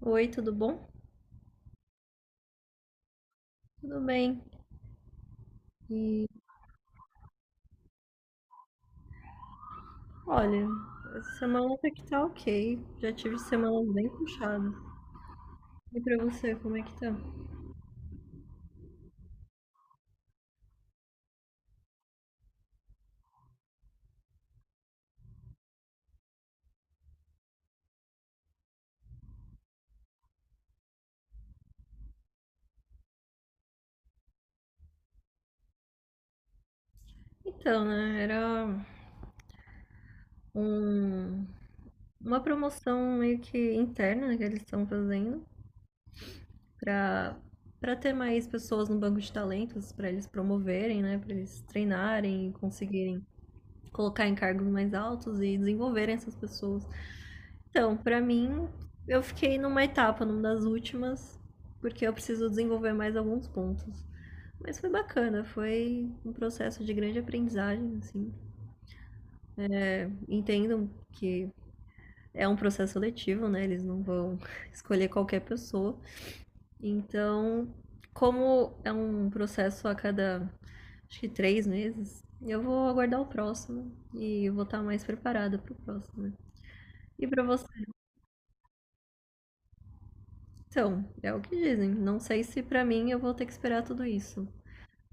Oi, tudo bom? Tudo bem. E olha, essa semana até que tá ok. Já tive semanas bem puxadas. E pra você, como é que tá? Era um, uma promoção meio que interna, né, que eles estão fazendo pra para ter mais pessoas no banco de talentos, pra eles promoverem, né. Pra eles treinarem e conseguirem colocar em cargos mais altos e desenvolverem essas pessoas. Então, pra mim, eu fiquei numa etapa, numa das últimas, porque eu preciso desenvolver mais alguns pontos. Mas foi bacana, foi um processo de grande aprendizagem, assim. Entendo que é um processo seletivo, né? Eles não vão escolher qualquer pessoa. Então, como é um processo a cada, acho que 3 meses, eu vou aguardar o próximo e eu vou estar mais preparada para o próximo, né? E para você. Então, é o que dizem. Não sei se pra mim eu vou ter que esperar tudo isso.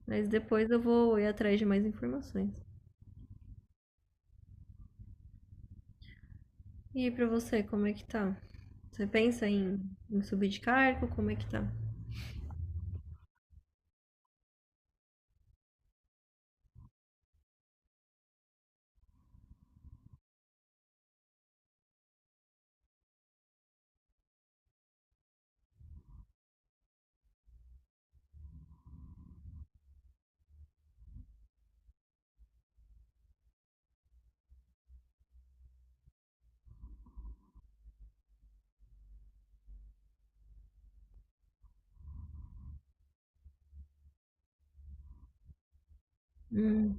Mas depois eu vou ir atrás de mais informações. E pra você, como é que tá? Você pensa em, em subir de cargo? Como é que tá? Hum.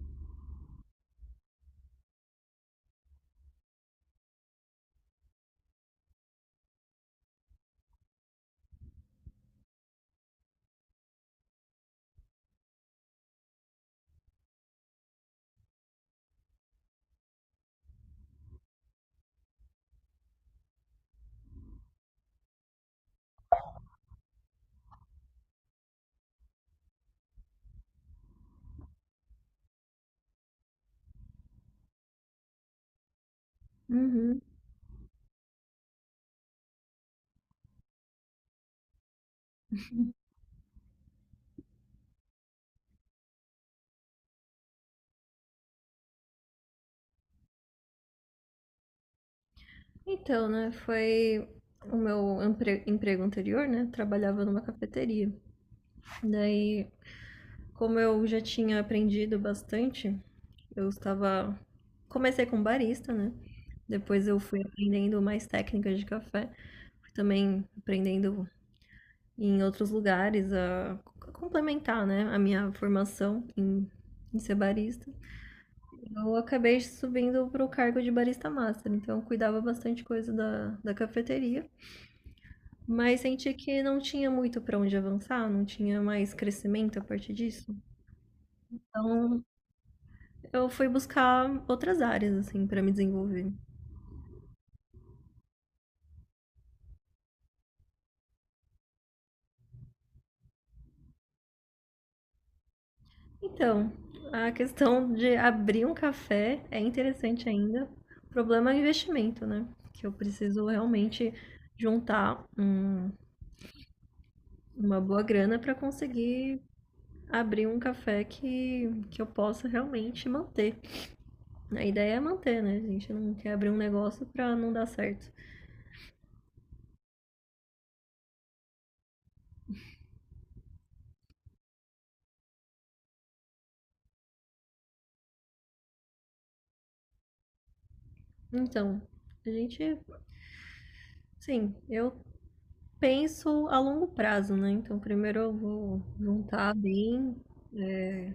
Uhum. Então, né? Foi o emprego anterior, né? Trabalhava numa cafeteria. Daí, como eu já tinha aprendido bastante. Eu estava. Comecei com barista, né? Depois eu fui aprendendo mais técnicas de café. Fui também aprendendo em outros lugares a complementar, né? A minha formação em, em ser barista. Eu acabei subindo para o cargo de barista master, então eu cuidava bastante coisa da cafeteria. Mas senti que não tinha muito para onde avançar, não tinha mais crescimento a partir disso. Então eu fui buscar outras áreas, assim, para me desenvolver. Então, a questão de abrir um café é interessante ainda. O problema é o investimento, né? Que eu preciso realmente juntar uma boa grana para conseguir abrir um café que, eu possa realmente manter. A ideia é manter, né? A gente não quer abrir um negócio para não dar certo. Então, a gente, sim, eu penso a longo prazo, né? Então, primeiro eu vou juntar bem é,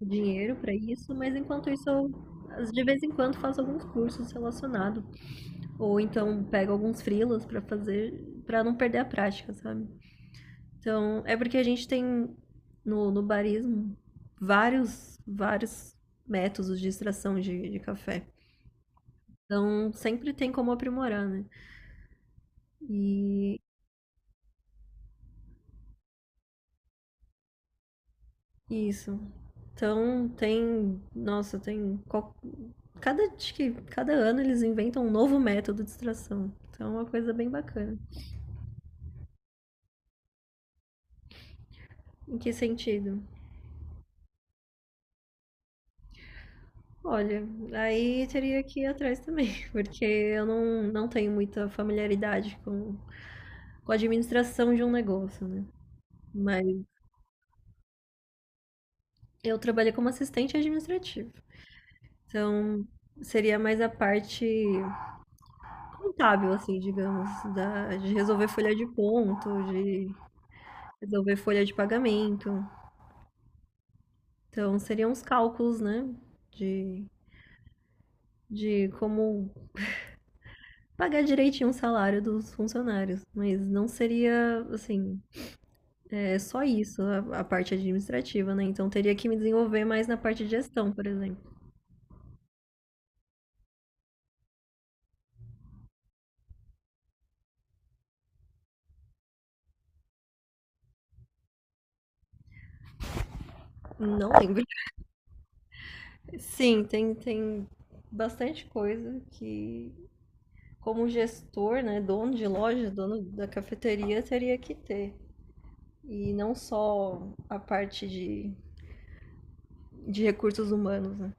dinheiro para isso, mas enquanto isso eu de vez em quando faço alguns cursos relacionados, ou então pego alguns freelas para fazer, para não perder a prática, sabe? Então, é porque a gente tem no barismo vários métodos de extração de café. Então, sempre tem como aprimorar, né? E isso. Então, tem, nossa, tem cada, acho que cada ano eles inventam um novo método de extração. Então é uma coisa bem bacana. Em que sentido? Olha, aí teria que ir atrás também, porque eu não tenho muita familiaridade com a administração de um negócio, né? Mas eu trabalhei como assistente administrativo. Então, seria mais a parte contábil, assim, digamos, de resolver folha de ponto, de resolver folha de pagamento. Então, seriam os cálculos, né? De, de como pagar direitinho o salário dos funcionários, mas não seria assim. É só isso, a parte administrativa, né? Então teria que me desenvolver mais na parte de gestão, por exemplo. Não lembro. Sim, tem, tem bastante coisa que, como gestor, né, dono de loja, dono da cafeteria, teria que ter. E não só a parte de recursos humanos, né?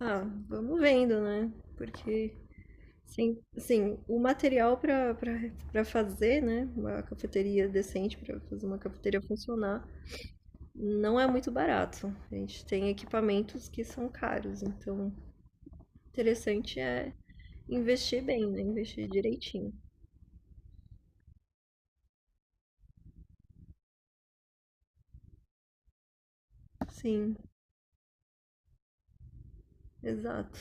Ah, vamos vendo, né? Porque sim, sim, o material para fazer, né, uma cafeteria decente, para fazer uma cafeteria funcionar, não é muito barato. A gente tem equipamentos que são caros, então o interessante é investir bem, né? Investir direitinho. Sim, exato.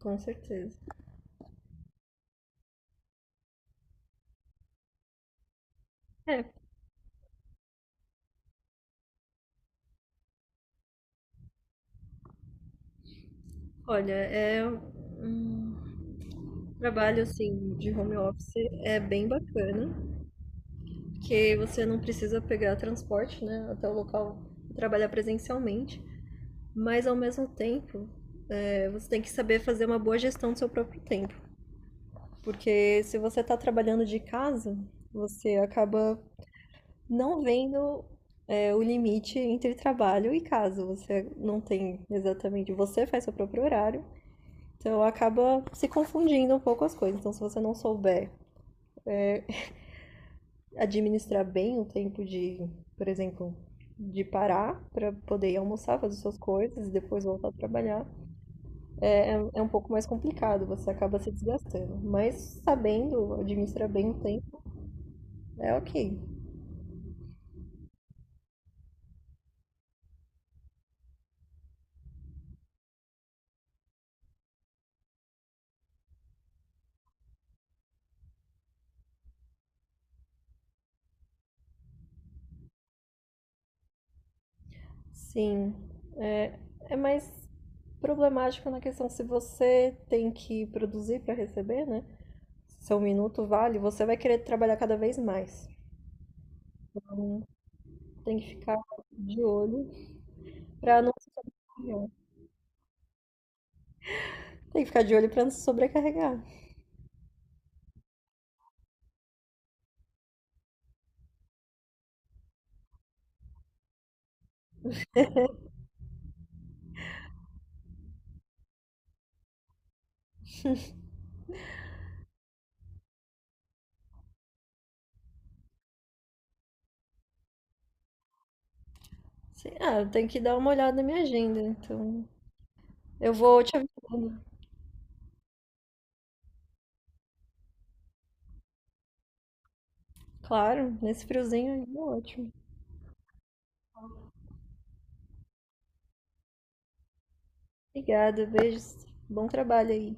Com certeza. É, olha, é um trabalho assim de home office, é bem bacana, porque você não precisa pegar transporte, né, até o local e trabalhar presencialmente. Mas ao mesmo tempo, você tem que saber fazer uma boa gestão do seu próprio tempo. Porque se você está trabalhando de casa, você acaba não vendo o limite entre trabalho e casa. Você não tem exatamente. Você faz seu próprio horário, então acaba se confundindo um pouco as coisas. Então, se você não souber administrar bem o tempo de, por exemplo, de parar para poder ir almoçar, fazer suas coisas e depois voltar a trabalhar, é um pouco mais complicado, você acaba se desgastando. Mas sabendo administrar bem o tempo, é ok. Sim, é, é mais problemático na questão se você tem que produzir para receber, né? Se seu minuto vale, você vai querer trabalhar cada vez mais. Tem que ficar de olho para não se sobrecarregar. Tem que ficar de olho para não se sobrecarregar. Sim, ah, eu tenho que dar uma olhada na minha agenda, então eu vou te avisando. Claro, nesse friozinho aí é ótimo. Obrigada, beijos. Bom trabalho aí.